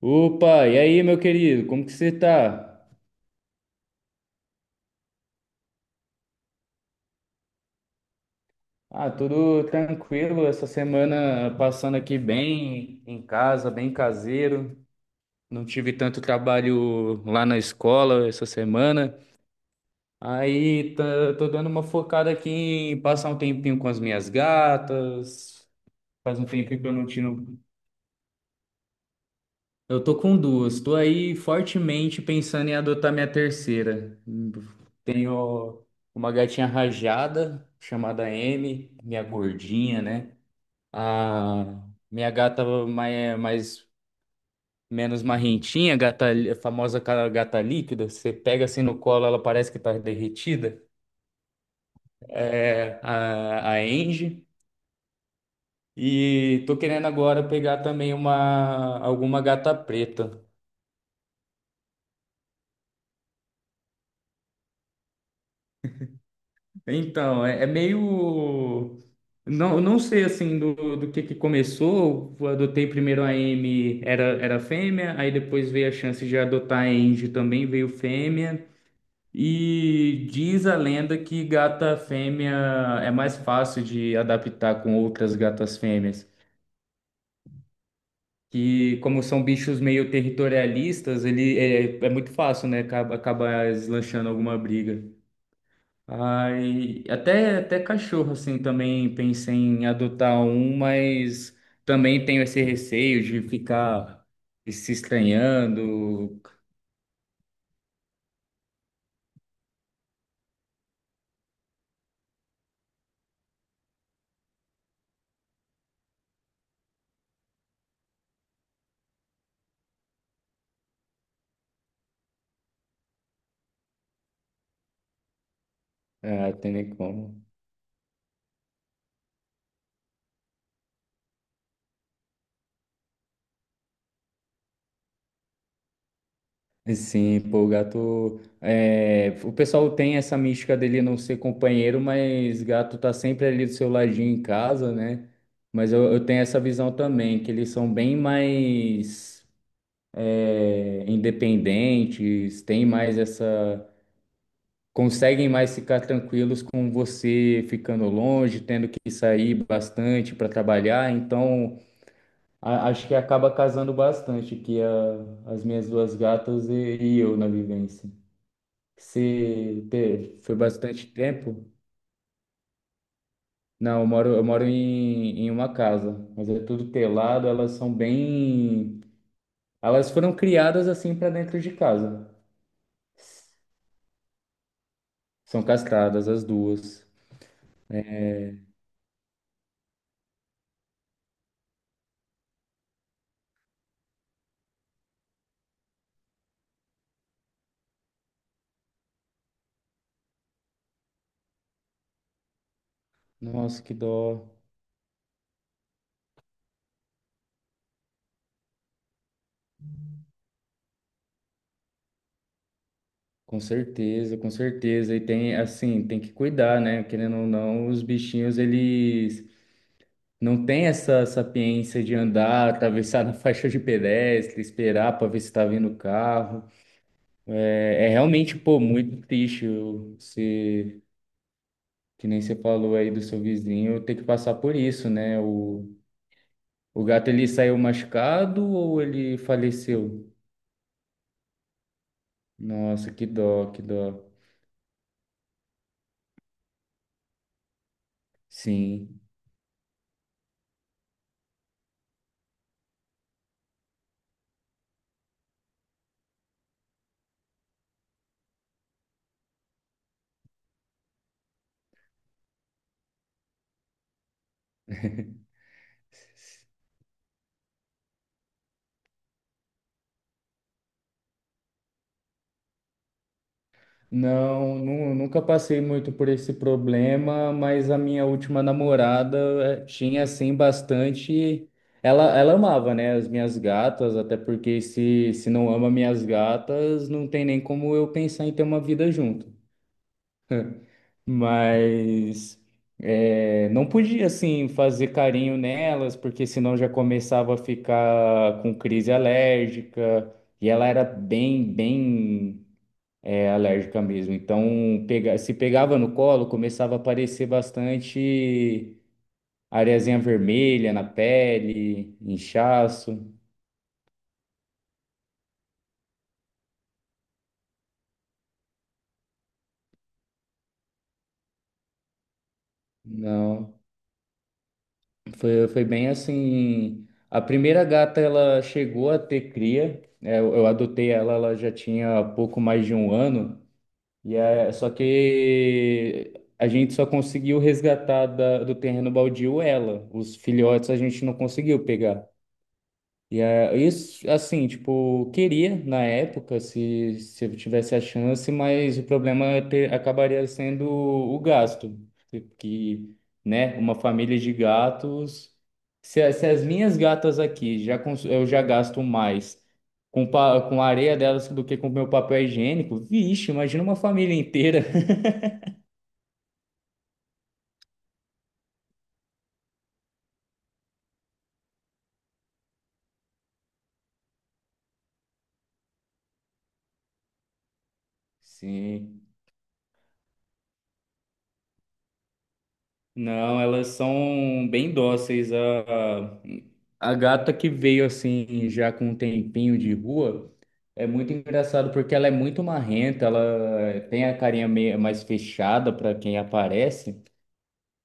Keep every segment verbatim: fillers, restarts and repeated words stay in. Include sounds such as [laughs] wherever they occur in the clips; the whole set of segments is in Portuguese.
Opa, e aí, meu querido, como que você tá? Ah, tudo tranquilo, essa semana passando aqui bem em casa, bem caseiro. Não tive tanto trabalho lá na escola essa semana. Aí tá- tô dando uma focada aqui em passar um tempinho com as minhas gatas. Faz um tempinho que eu não tiro. Eu tô com duas. Tô aí fortemente pensando em adotar minha terceira. Tenho uma gatinha rajada chamada Amy, minha gordinha, né? A minha gata mais, mais menos marrentinha, gata, a famosa ca- gata líquida. Você pega assim no colo, ela parece que tá derretida. É a, a Angie. E tô querendo agora pegar também uma alguma gata preta. Então, é, é meio. Não, não sei assim do, do que que começou. Eu adotei primeiro a M, era, era fêmea, aí depois veio a chance de adotar a Angie também, veio fêmea. E diz a lenda que gata fêmea é mais fácil de adaptar com outras gatas fêmeas. Que, como são bichos meio territorialistas, ele é, é muito fácil, né? Acaba, acaba deslanchando alguma briga. Ai, até, até cachorro, assim, também pensei em adotar um, mas também tenho esse receio de ficar se estranhando. Ah, tem nem como. Sim, pô, o gato. É, o pessoal tem essa mística dele não ser companheiro, mas gato tá sempre ali do seu ladinho em casa, né? Mas eu, eu tenho essa visão também, que eles são bem mais é, independentes, tem mais essa. Conseguem mais ficar tranquilos com você ficando longe, tendo que sair bastante para trabalhar. Então, a- acho que acaba casando bastante que a- as minhas duas gatas e, e eu na vivência. Você te- foi bastante tempo? Não, eu moro, eu moro em, em uma casa, mas é tudo telado, elas são bem. Elas foram criadas assim para dentro de casa. São castradas as duas. Nossa, que dó. Com certeza, com certeza. E tem, assim, tem que cuidar, né? Querendo ou não, os bichinhos, eles não têm essa sapiência de andar, atravessar na [laughs] faixa de pedestre, esperar para ver se tá vindo o carro. É, é realmente, pô, muito triste o- se, que nem você falou aí do seu vizinho, ter que passar por isso, né? O, o gato, ele saiu machucado ou ele faleceu? Nossa, que dó, que dó. Sim. Não, nu- nunca passei muito por esse problema, mas a minha última namorada eh, tinha assim bastante. Ela, ela amava, né, as minhas gatas, até porque se, se não ama minhas gatas, não tem nem como eu pensar em ter uma vida junto. Mas eh, não podia assim fazer carinho nelas, porque senão já começava a ficar com crise alérgica. E ela era bem, bem é alérgica mesmo. Então, pega, se pegava no colo, começava a aparecer bastante areazinha vermelha na pele, inchaço. Não, foi, foi bem assim. A primeira gata, ela chegou a ter cria. É, Eu, eu adotei ela, ela já tinha pouco mais de um ano. E é, só que a gente só conseguiu resgatar da- do terreno baldio ela. Os filhotes a gente não conseguiu pegar. E é, isso, assim, tipo, queria na época, se, se eu tivesse a chance, mas o problema é ter- acabaria sendo o gasto. Que, né, uma família de gatos. Se, a- se as minhas gatas aqui já cons- eu já gasto mais com, pa- com a areia delas do que com o meu papel higiênico, vixe, imagina uma família inteira. [laughs] Sim. Não, elas são bem dóceis. A, a gata que veio assim, já com um tempinho de rua, é muito engraçado porque ela é muito marrenta, ela tem a carinha meio mais fechada para quem aparece,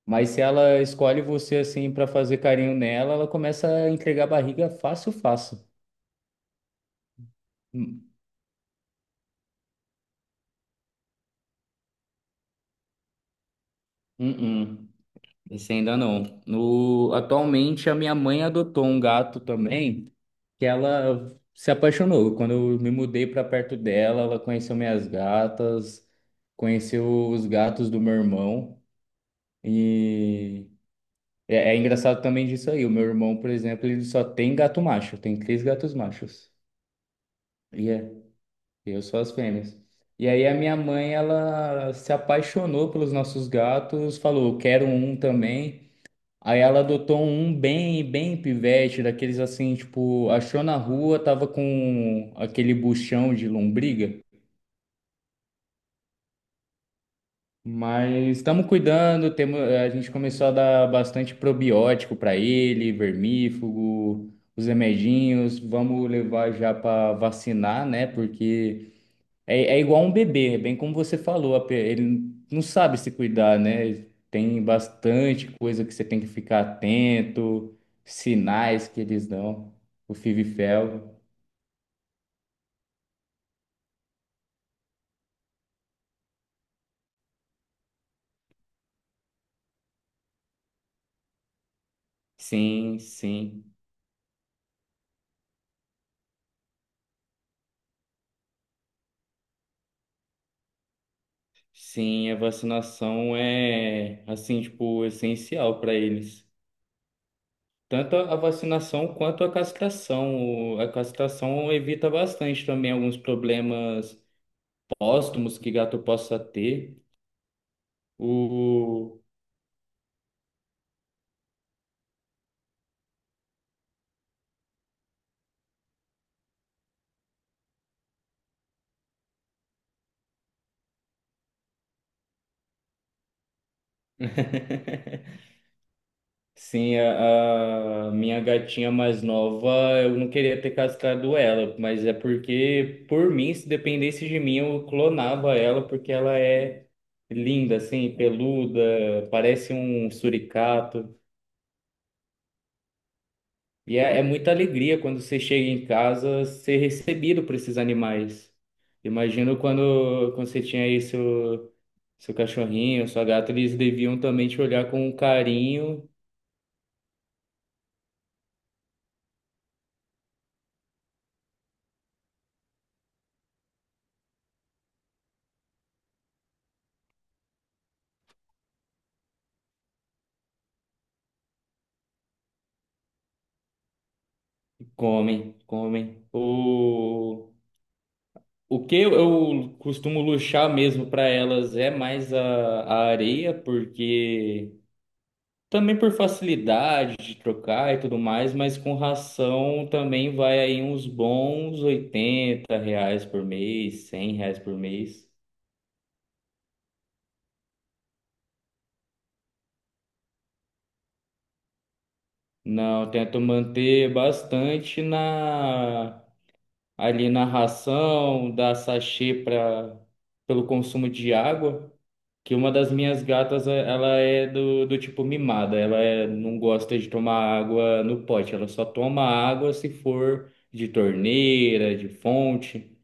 mas se ela escolhe você assim para fazer carinho nela, ela começa a entregar barriga fácil, fácil. Hum, hum, hum. Esse ainda não. No, atualmente a minha mãe adotou um gato também, que ela se apaixonou. Quando eu me mudei para perto dela, ela conheceu minhas gatas, conheceu os gatos do meu irmão. E é, é engraçado também disso aí. O meu irmão, por exemplo, ele só tem gato macho, tem três gatos machos. E é, eu sou as fêmeas. E aí a minha mãe, ela se apaixonou pelos nossos gatos, falou, quero um também. Aí ela adotou um bem, bem pivete, daqueles assim, tipo, achou na rua, tava com aquele buchão de lombriga. Mas estamos cuidando, temos, a gente começou a dar bastante probiótico para ele, vermífugo, os remedinhos, vamos levar já para vacinar, né? Porque é, é igual um bebê, é bem como você falou, ape- ele não sabe se cuidar, né? Tem bastante coisa que você tem que ficar atento, sinais que eles dão, o F I V-F E L V. Sim, sim, sim, a vacinação é, assim, tipo, essencial para eles. Tanto a vacinação quanto a castração. O- A castração evita bastante também alguns problemas póstumos que gato possa ter. O... [laughs] Sim, a, a minha gatinha mais nova, eu não queria ter castrado ela, mas é porque, por mim, se dependesse de mim, eu clonava ela, porque ela é linda, assim, peluda, parece um suricato. E é, é muita alegria quando você chega em casa ser recebido por esses animais. Imagino quando, quando você tinha aí seu, seu cachorrinho, sua gata, eles deviam também te olhar com um carinho. Comem, comem. O... O que eu eu costumo luxar mesmo para elas é mais a, a areia, porque também por facilidade de trocar e tudo mais, mas com ração também vai aí uns bons oitenta reais por mês, cem reais por mês. Não, eu tento manter bastante na ali na ração, dar sachê para pelo consumo de água. Que uma das minhas gatas, eh, ela é do, do tipo mimada, ela é- não gosta de tomar água no pote, ela só toma água se for de torneira, de fonte.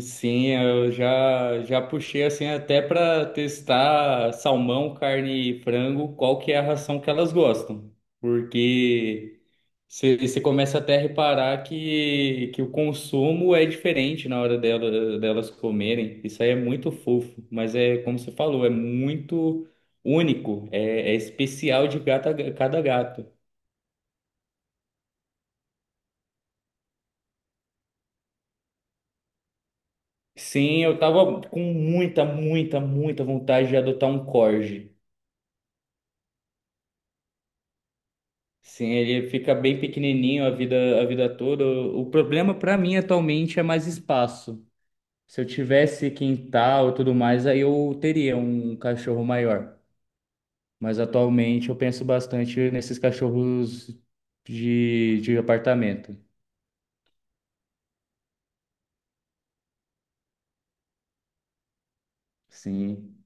Sim, eu já, já puxei assim até para testar salmão, carne e frango, qual que é a ração que elas gostam. Porque você, você começa até a reparar que, que o consumo é diferente na hora dela, delas comerem. Isso aí é muito fofo, mas é como você falou, é muito único, é, é especial de gato a ga- cada gato. Sim, eu tava com muita, muita, muita vontade de adotar um corgi. Sim, ele fica bem pequenininho a vida, a vida toda. O problema para mim atualmente é mais espaço. Se eu tivesse quintal e tudo mais, aí eu teria um cachorro maior. Mas atualmente eu penso bastante nesses cachorros de, de apartamento. Sim.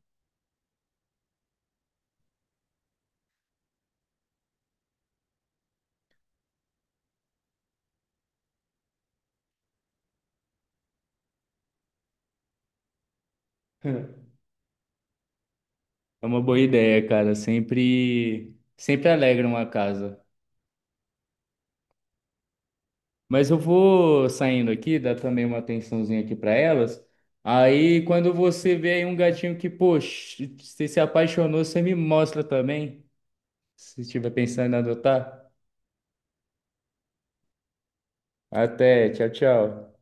[laughs] É uma boa ideia, cara. Sempre, sempre alegra uma casa. Mas eu vou saindo aqui, dar também uma atençãozinha aqui para elas. Aí, quando você vê aí um gatinho que, poxa, você se apaixonou, você me mostra também, se estiver pensando em adotar. Até, tchau, tchau.